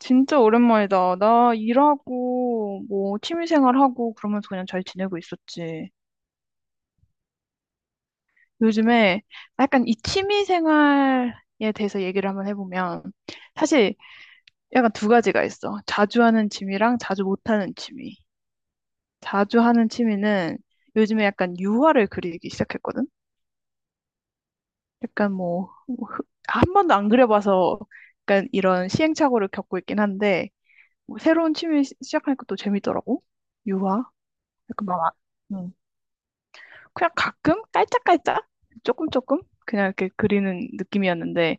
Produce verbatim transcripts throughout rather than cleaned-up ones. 진짜 오랜만이다. 나 일하고, 뭐, 취미생활하고, 그러면서 그냥 잘 지내고 있었지. 요즘에 약간 이 취미생활에 대해서 얘기를 한번 해보면, 사실 약간 두 가지가 있어. 자주 하는 취미랑 자주 못하는 취미. 자주 하는 취미는 요즘에 약간 유화를 그리기 시작했거든? 약간 뭐, 뭐 흐- 한 번도 안 그려봐서 약간 이런 시행착오를 겪고 있긴 한데, 뭐 새로운 취미 시- 시작하니까 또 재밌더라고. 유화? 약간 막, 음. 그냥 가끔 깔짝깔짝 조금 조금 그냥 이렇게 그리는 느낌이었는데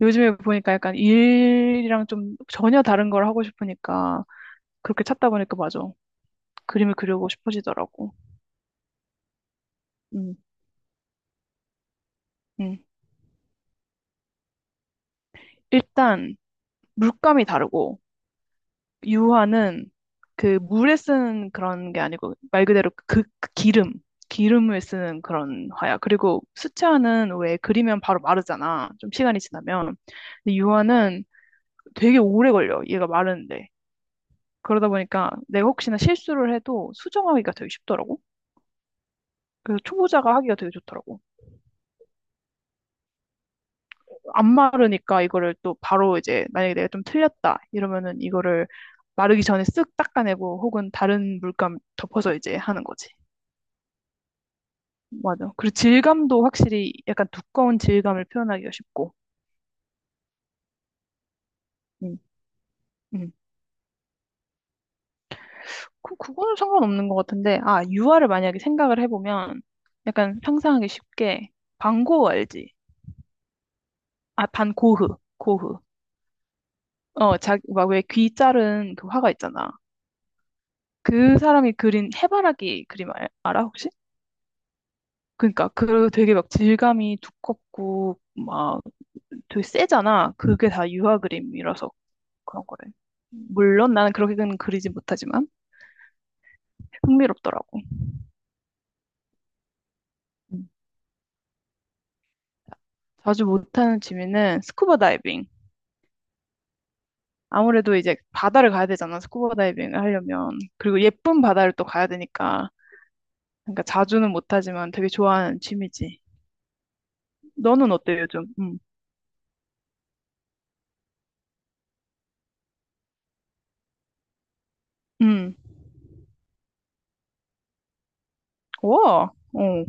요즘에 보니까 약간 일이랑 좀 전혀 다른 걸 하고 싶으니까 그렇게 찾다 보니까 맞아. 그림을 그리고 싶어지더라고. 음, 음. 일단 물감이 다르고 유화는 그 물에 쓰는 그런 게 아니고 말 그대로 그, 그 기름, 기름을 쓰는 그런 화야. 그리고 수채화는 왜 그리면 바로 마르잖아. 좀 시간이 지나면. 근데 유화는 되게 오래 걸려. 얘가 마르는데. 그러다 보니까 내가 혹시나 실수를 해도 수정하기가 되게 쉽더라고. 그래서 초보자가 하기가 되게 좋더라고. 안 마르니까 이거를 또 바로 이제 만약에 내가 좀 틀렸다 이러면은 이거를 마르기 전에 쓱 닦아내고 혹은 다른 물감 덮어서 이제 하는 거지. 맞아. 그리고 질감도 확실히 약간 두꺼운 질감을 표현하기가 쉽고. 음, 음. 그, 그거는 상관없는 것 같은데, 아, 유화를 만약에 생각을 해보면 약간 상상하기 쉽게 반고흐 알지? 아, 반고흐. 고흐. 어, 자, 막왜 귀 자른 그 화가 있잖아. 그 사람이 그린 해바라기 그림 알, 알아, 혹시? 그러니까 그 되게 막 질감이 두껍고 막 되게 세잖아. 그게 다 유화 그림이라서 그런 거래. 물론 나는 그렇게는 그리지 못하지만 흥미롭더라고. 음. 자주 못하는 취미는 스쿠버 다이빙. 아무래도 이제 바다를 가야 되잖아, 스쿠버 다이빙을 하려면. 그리고 예쁜 바다를 또 가야 되니까. 그러니까 자주는 못하지만 되게 좋아하는 취미지. 너는 어때, 요즘? 음. 음. 와, 어,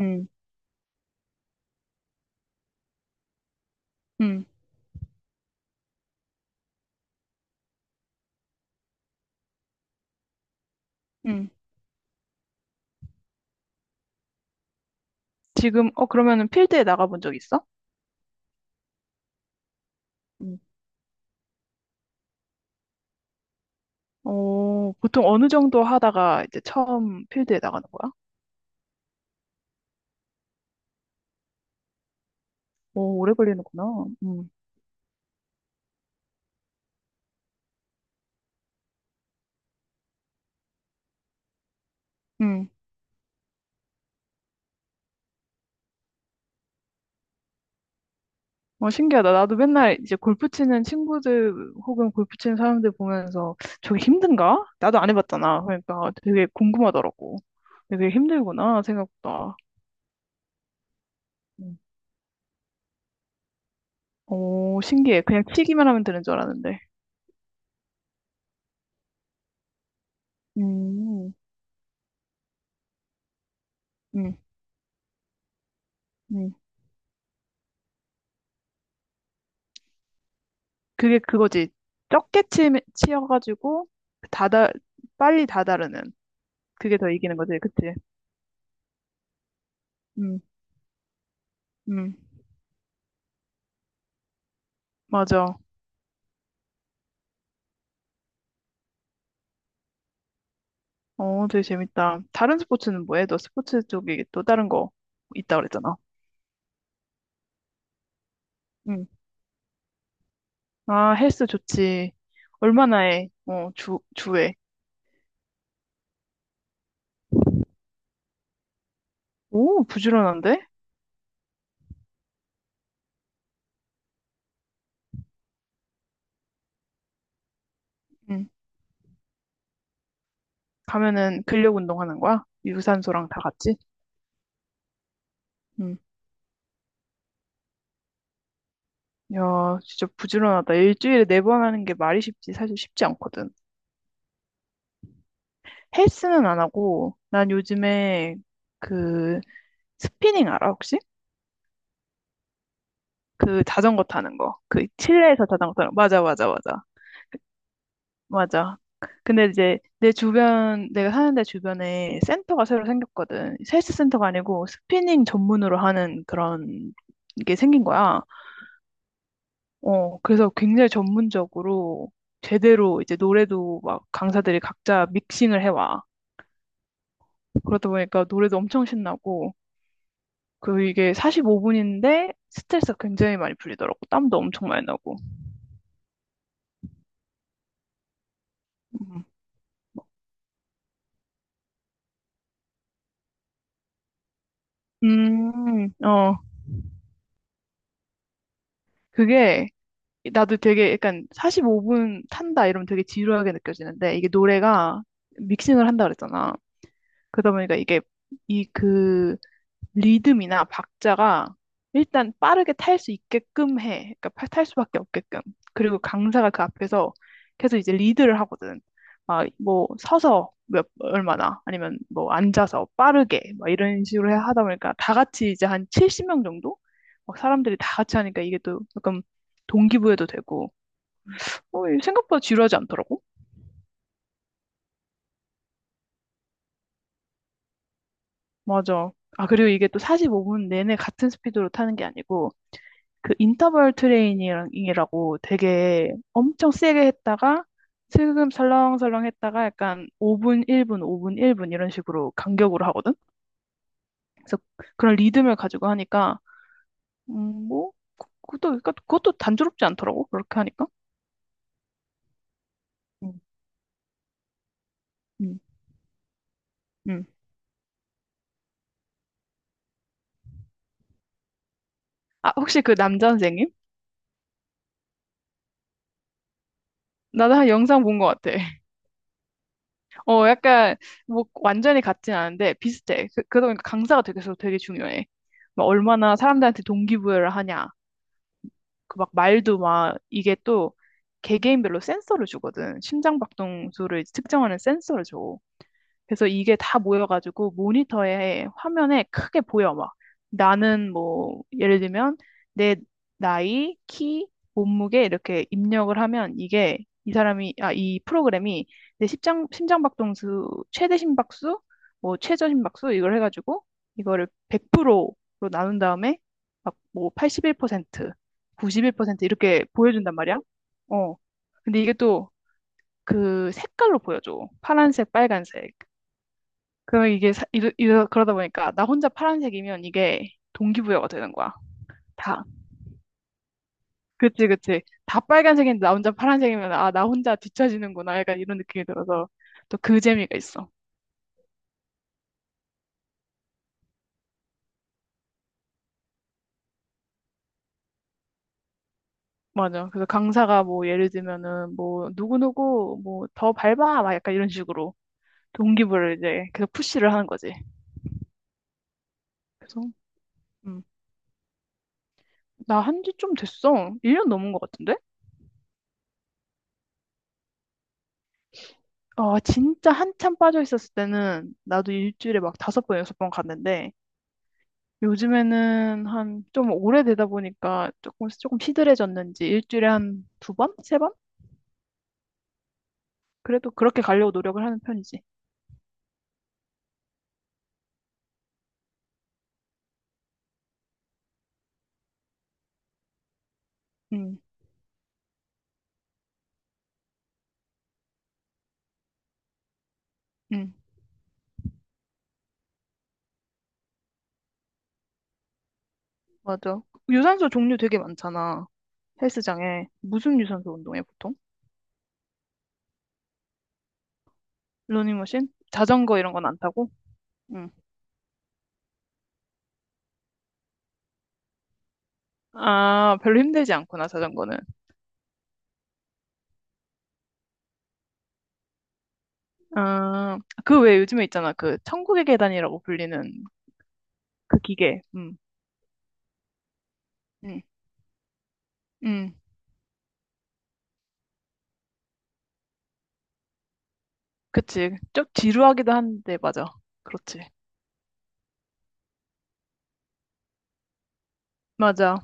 음, 음, 음. 지금, 어, 그러면은 필드에 나가본 적 있어? 음. 어, 보통 어느 정도 하다가 이제 처음 필드에 나가는 거야? 오, 오래 걸리는구나. 음, 음. 어, 신기하다. 나도 맨날 이제 골프 치는 친구들 혹은 골프 치는 사람들 보면서 저게 힘든가? 나도 안 해봤잖아. 그러니까 되게 궁금하더라고. 되게 힘들구나, 생각보다. 음. 오, 신기해. 그냥 치기만 하면 되는 줄 알았는데. 음, 음, 음. 그게 그거지. 적게 치, 치여가지고, 다다, 빨리 다다르는. 그게 더 이기는 거지, 그치? 음, 음, 맞아. 어, 되게 재밌다. 다른 스포츠는 뭐해? 너 스포츠 쪽에 또 다른 거 있다 그랬잖아. 음. 아, 헬스 좋지. 얼마나 해? 어, 주, 주에. 오, 부지런한데? 음. 가면은 근력 운동하는 거야? 유산소랑 다 같이? 음. 야, 진짜 부지런하다. 일주일에 네 번 하는 게 말이 쉽지, 사실 쉽지 않거든. 헬스는 안 하고, 난 요즘에 그 스피닝 알아, 혹시? 그 자전거 타는 거. 그 실내에서 자전거 타는 거. 맞아, 맞아, 맞아. 맞아. 근데 이제 내 주변, 내가 사는 데 주변에 센터가 새로 생겼거든. 헬스 센터가 아니고 스피닝 전문으로 하는 그런 게 생긴 거야. 어, 그래서 굉장히 전문적으로 제대로 이제 노래도 막 강사들이 각자 믹싱을 해와. 그러다 보니까 노래도 엄청 신나고, 그 이게 사십오 분인데 스트레스가 굉장히 많이 풀리더라고. 땀도 엄청 많이 나고. 음, 음, 어, 그게 나도 되게 약간 사십오 분 탄다 이러면 되게 지루하게 느껴지는데 이게 노래가 믹싱을 한다 그랬잖아. 그러다 보니까 이게 이그 리듬이나 박자가 일단 빠르게 탈 수 있게끔 해. 그러니까 파- 탈 수밖에 없게끔. 그리고 강사가 그 앞에서 계속 이제 리드를 하거든. 막 뭐 서서 몇 얼마나 아니면 뭐 앉아서 빠르게 막 이런 식으로 해- 하다 보니까 다 같이 이제 한 칠십 명 정도 막 사람들이 다 같이 하니까 이게 또 약간 동기부여도 되고 어, 이게 생각보다 지루하지 않더라고. 맞아. 아, 그리고 이게 또 사십오 분 내내 같은 스피드로 타는 게 아니고 그 인터벌 트레이닝이라고 되게 엄청 세게 했다가 슬금 설렁설렁 했다가 약간 오 분, 일 분, 오 분, 일 분 이런 식으로 간격으로 하거든. 그래서 그런 리듬을 가지고 하니까 음, 뭐 그- 그것도 그러니까 그것도 단조롭지 않더라고. 그렇게 하니까. 음, 음, 음. 아, 혹시 그 남자 선생님? 나도 한 영상 본 것 같아. 어, 약간 뭐 완전히 같진 않은데 비슷해. 그, 그러다 보니까 강사가 되게 되게 중요해. 막 얼마나 사람들한테 동기부여를 하냐. 그 막 말도 막 이게 또 개개인별로 센서를 주거든. 심장 박동수를 측정하는 센서를 줘. 그래서 이게 다 모여가지고 모니터에 화면에 크게 보여 막 나는 뭐 예를 들면 내 나이, 키, 몸무게 이렇게 입력을 하면 이게 이 사람이 아 이 프로그램이 내 심장 심장박동수 최대 심박수 뭐 최저 심박수 이걸 해가지고 이거를 백 프로로 나눈 다음에 막 뭐 팔십일 퍼센트, 구십일 퍼센트 이렇게 보여준단 말이야. 어. 근데 이게 또 그 색깔로 보여줘. 파란색, 빨간색. 그 이게 사- 이러, 이러, 그러다 보니까 나 혼자 파란색이면 이게 동기부여가 되는 거야. 다. 그치, 그치. 다 빨간색인데 나 혼자 파란색이면 아, 나 혼자 뒤처지는구나. 약간 이런 느낌이 들어서 또 그 재미가 있어. 맞아. 그래서 강사가 뭐 예를 들면은 뭐 누구누구 뭐 더 밟아. 막 약간 이런 식으로 동기부여를 이제 계속 푸시를 하는 거지. 그래서 음, 나 한지 좀 됐어. 일 년 넘은 것 같은데? 아, 진짜 한참 빠져 있었을 때는 나도 일주일에 막 다섯 번, 여섯 번 갔는데 요즘에는 한 좀 오래되다 보니까 조금 조금 시들해졌는지 일주일에 한 두 번? 세 번? 그래도 그렇게 가려고 노력을 하는 편이지. 응, 응, 맞아. 유산소 종류 되게 많잖아. 헬스장에. 무슨 유산소 운동해, 보통? 러닝머신? 자전거 이런 건 안 타고? 응. 아, 별로 힘들지 않구나, 자전거는. 아, 그 외에 요즘에 있잖아. 그 천국의 계단이라고 불리는 그 기계. 응, 응, 응. 그치. 좀 지루하기도 한데, 맞아. 그렇지. 맞아.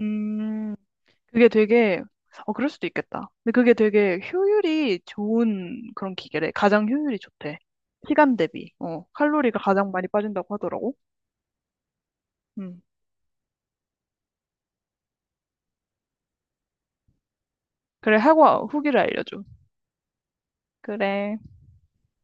음, 그게 되게, 어, 그럴 수도 있겠다. 근데 그게 되게 효율이 좋은 그런 기계래. 가장 효율이 좋대. 시간 대비. 어, 칼로리가 가장 많이 빠진다고 하더라고. 음. 그래, 하고 후기를 알려줘. 그래.